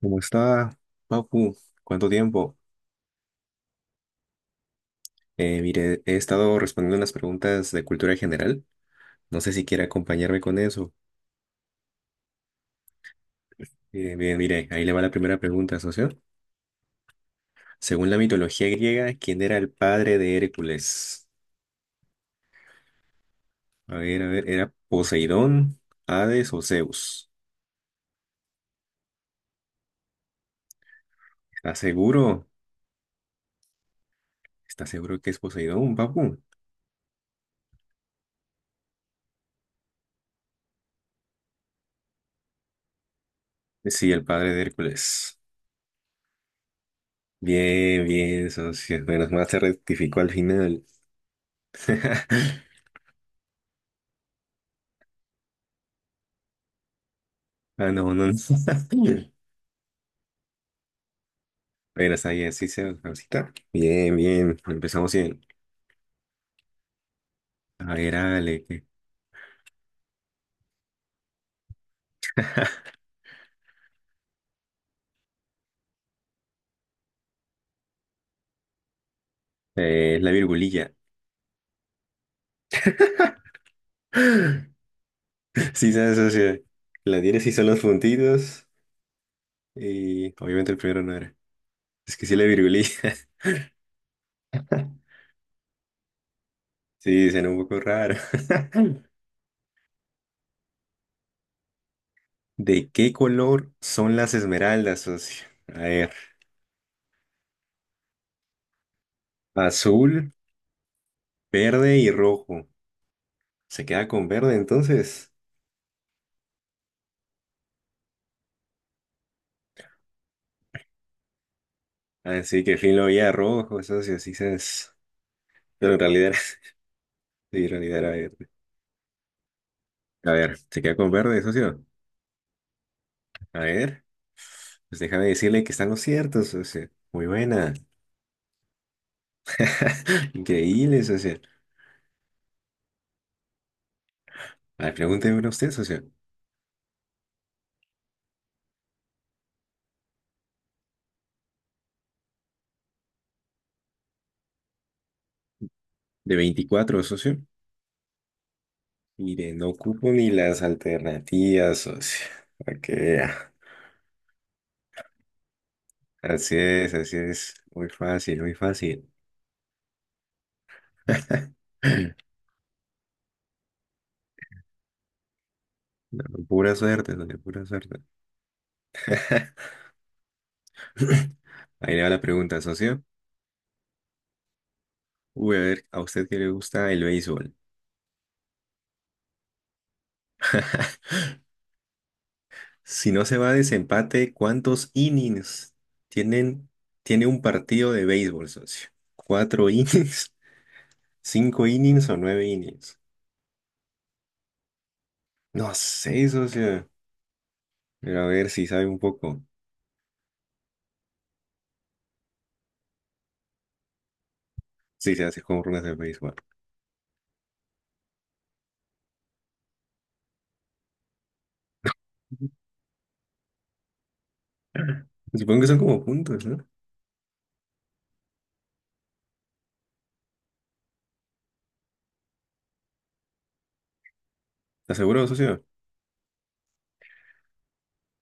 ¿Cómo está, Papu? ¿Cuánto tiempo? Mire, he estado respondiendo unas preguntas de cultura general. No sé si quiere acompañarme con eso. Bien, mire, ahí le va la primera pregunta, socio. Según la mitología griega, ¿quién era el padre de Hércules? A ver, ¿era Poseidón, Hades o Zeus? ¿Estás seguro? ¿Estás seguro que es Poseidón, Papu? Sí, el padre de Hércules. Bien, bien, socio. Menos mal se rectificó al final. Ah, no, no, no. Pero está bien, sí se ahorita. Bien, bien. Empezamos bien. A ver, hágale. La virgulilla. Sí, se asocia. La diéresis son los puntitos. Y obviamente el primero no era. Es que sí, la virgulilla. Sí, suena un poco raro. ¿De qué color son las esmeraldas, socio? A ver, azul, verde y rojo. ¿Se queda con verde entonces? Así que fin lo veía rojo, socio, sí sabes. Pero en realidad era, sí, en realidad era. A ver, se queda con verde, socio. A ver, pues déjame decirle que están los ciertos, socio. Muy buena. Increíble, socio. A ver, pregúnteme una usted, socio. De 24, socio. Mire, no ocupo ni las alternativas, socio. Para que vea. Así es, así es. Muy fácil, muy fácil. No, pura suerte, socio, pura suerte. Ahí le va la pregunta, socio. Uy, a ver, ¿a usted qué le gusta el béisbol? Si no se va a desempate, ¿cuántos innings tienen, tiene un partido de béisbol, socio? ¿Cuatro innings? ¿Cinco innings o nueve innings? No sé, socio. Pero a ver si sabe un poco. Si se hace con runas de béisbol. Supongo que son como puntos, ¿no? ¿Estás seguro, socio?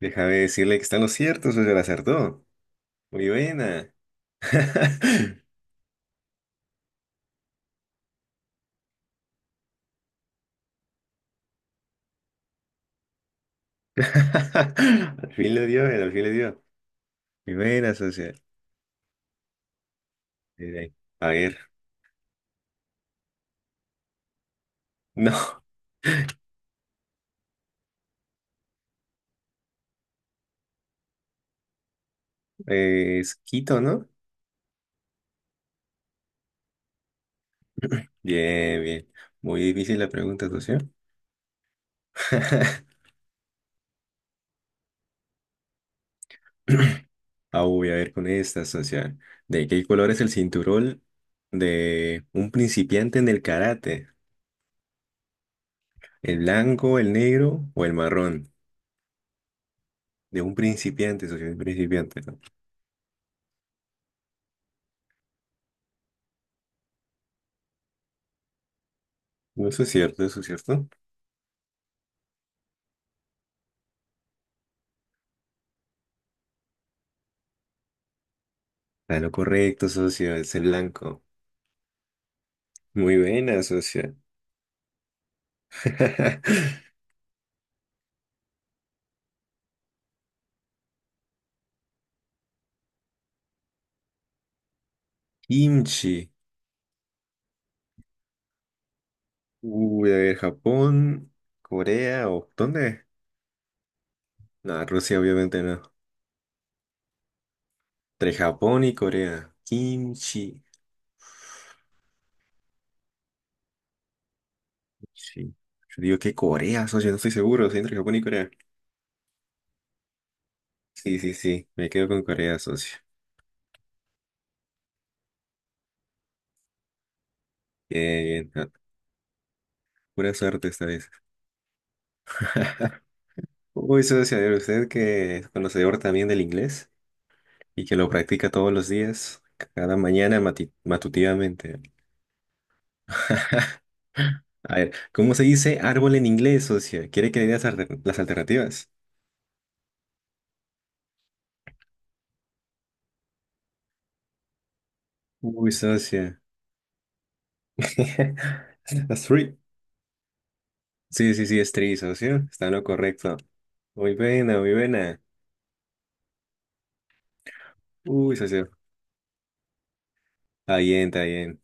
Déjame decirle que están los ciertos, socio. La acertó. Muy buena. Al fin le dio, al fin le dio. Muy buena, socio. Muy bien. A ver. No. Es Quito, ¿no? Bien, bien. Muy difícil la pregunta, socio. Ah, voy a ver con esta, socio. ¿De qué color es el cinturón de un principiante en el karate? ¿El blanco, el negro o el marrón? De un principiante, socio, de un principiante. ¿No? No, eso es cierto, eso es cierto. Está lo correcto, socio, es el blanco. Muy buena, socio. Kimchi. Uy, a ver, ¿Japón, Corea o dónde? No, Rusia obviamente no. Entre Japón y Corea. Kimchi. Sí. Yo digo que Corea, socio, no estoy seguro. Sí, entre Japón y Corea. Sí, sí, sí. Me quedo con Corea, socio. Bien, bien. Ah, pura suerte esta vez. Uy, socio, a ver, usted que es conocedor también del inglés y que lo practica todos los días, cada mañana matutivamente. A ver, ¿cómo se dice árbol en inglés, socio? ¿Quiere que le dé las, las alternativas? Uy, socio. A tree. Sí, sí, sí, es tri, socio. Está en lo correcto. Muy buena, muy buena. Uy, socio. Está bien, está bien.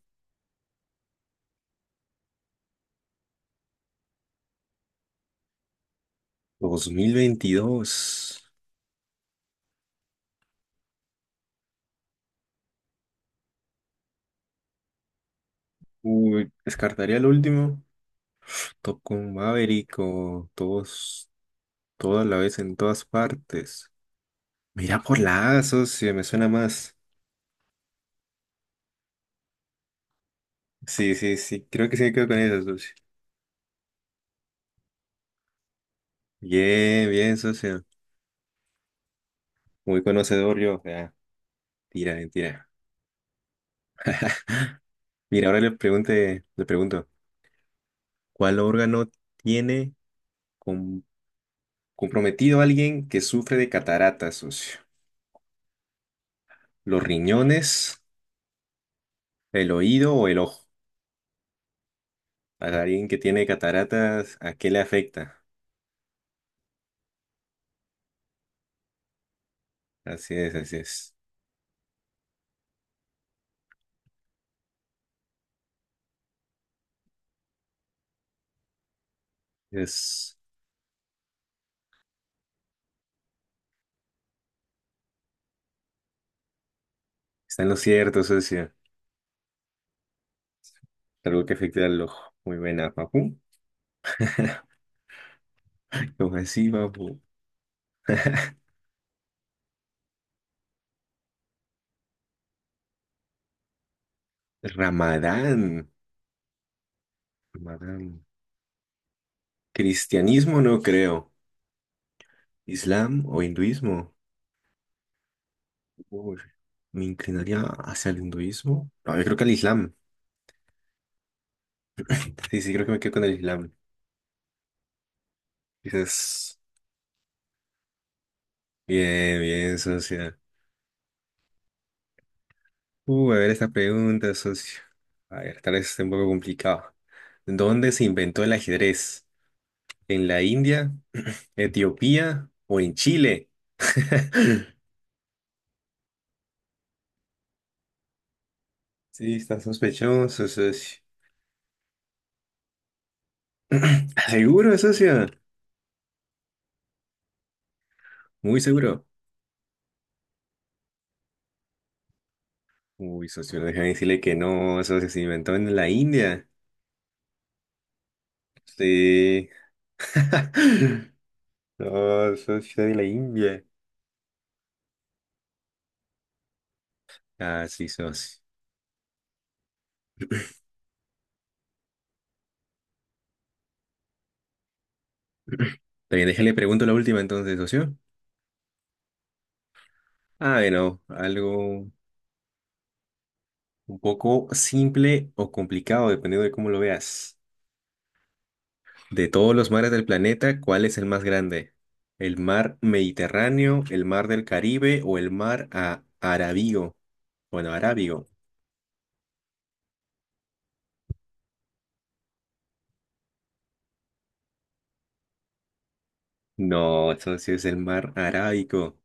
2022. Uy, descartaría el último. Tocó un Maverick todos, toda la vez en todas partes. Mira por la A, socio, me suena más. Sí, sí, sí, creo que sí me quedo con eso, socio. Bien, bien, socio. Muy conocedor yo. O sea, tira, mentira. Mira, ahora le pregunte, le pregunto, ¿cuál órgano tiene comprometido a alguien que sufre de cataratas, socio? Los riñones, el oído o el ojo. A alguien que tiene cataratas, ¿a qué le afecta? Así es, así es. Es, está en lo cierto, socio. Algo que afecta al ojo. Muy buena, papu. Lo así, papu. Ramadán. Ramadán. Cristianismo no creo. ¿Islam o hinduismo? Uy, me inclinaría hacia el hinduismo. No, yo creo que al Islam. Sí, sí, creo que me quedo con el Islam. Quizás. Bien, bien, socio. A ver esta pregunta, socio. A ver, tal vez esté un poco complicado. ¿Dónde se inventó el ajedrez? ¿En la India, Etiopía o en Chile? Sí, está sospechoso, socio. ¿Seguro, socio? Muy seguro. Uy, socio, déjame decirle que no, socio, se inventó en la India. Sí. No, socio, de la India. Ah, sí, socio. También déjale pregunto la última entonces, socio. I know, algo un poco simple o complicado, dependiendo de cómo lo veas. De todos los mares del planeta, ¿cuál es el más grande? ¿El mar Mediterráneo, el mar del Caribe o el mar a Arábigo? Bueno, Arábigo. No, eso sí es el mar Arábico.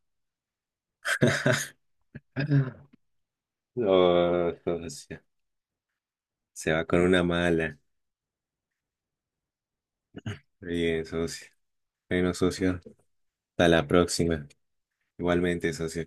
Ah. No, socio. Se va con una mala. Bien, socio. Bueno, socio. Hasta la próxima. Igualmente, socio.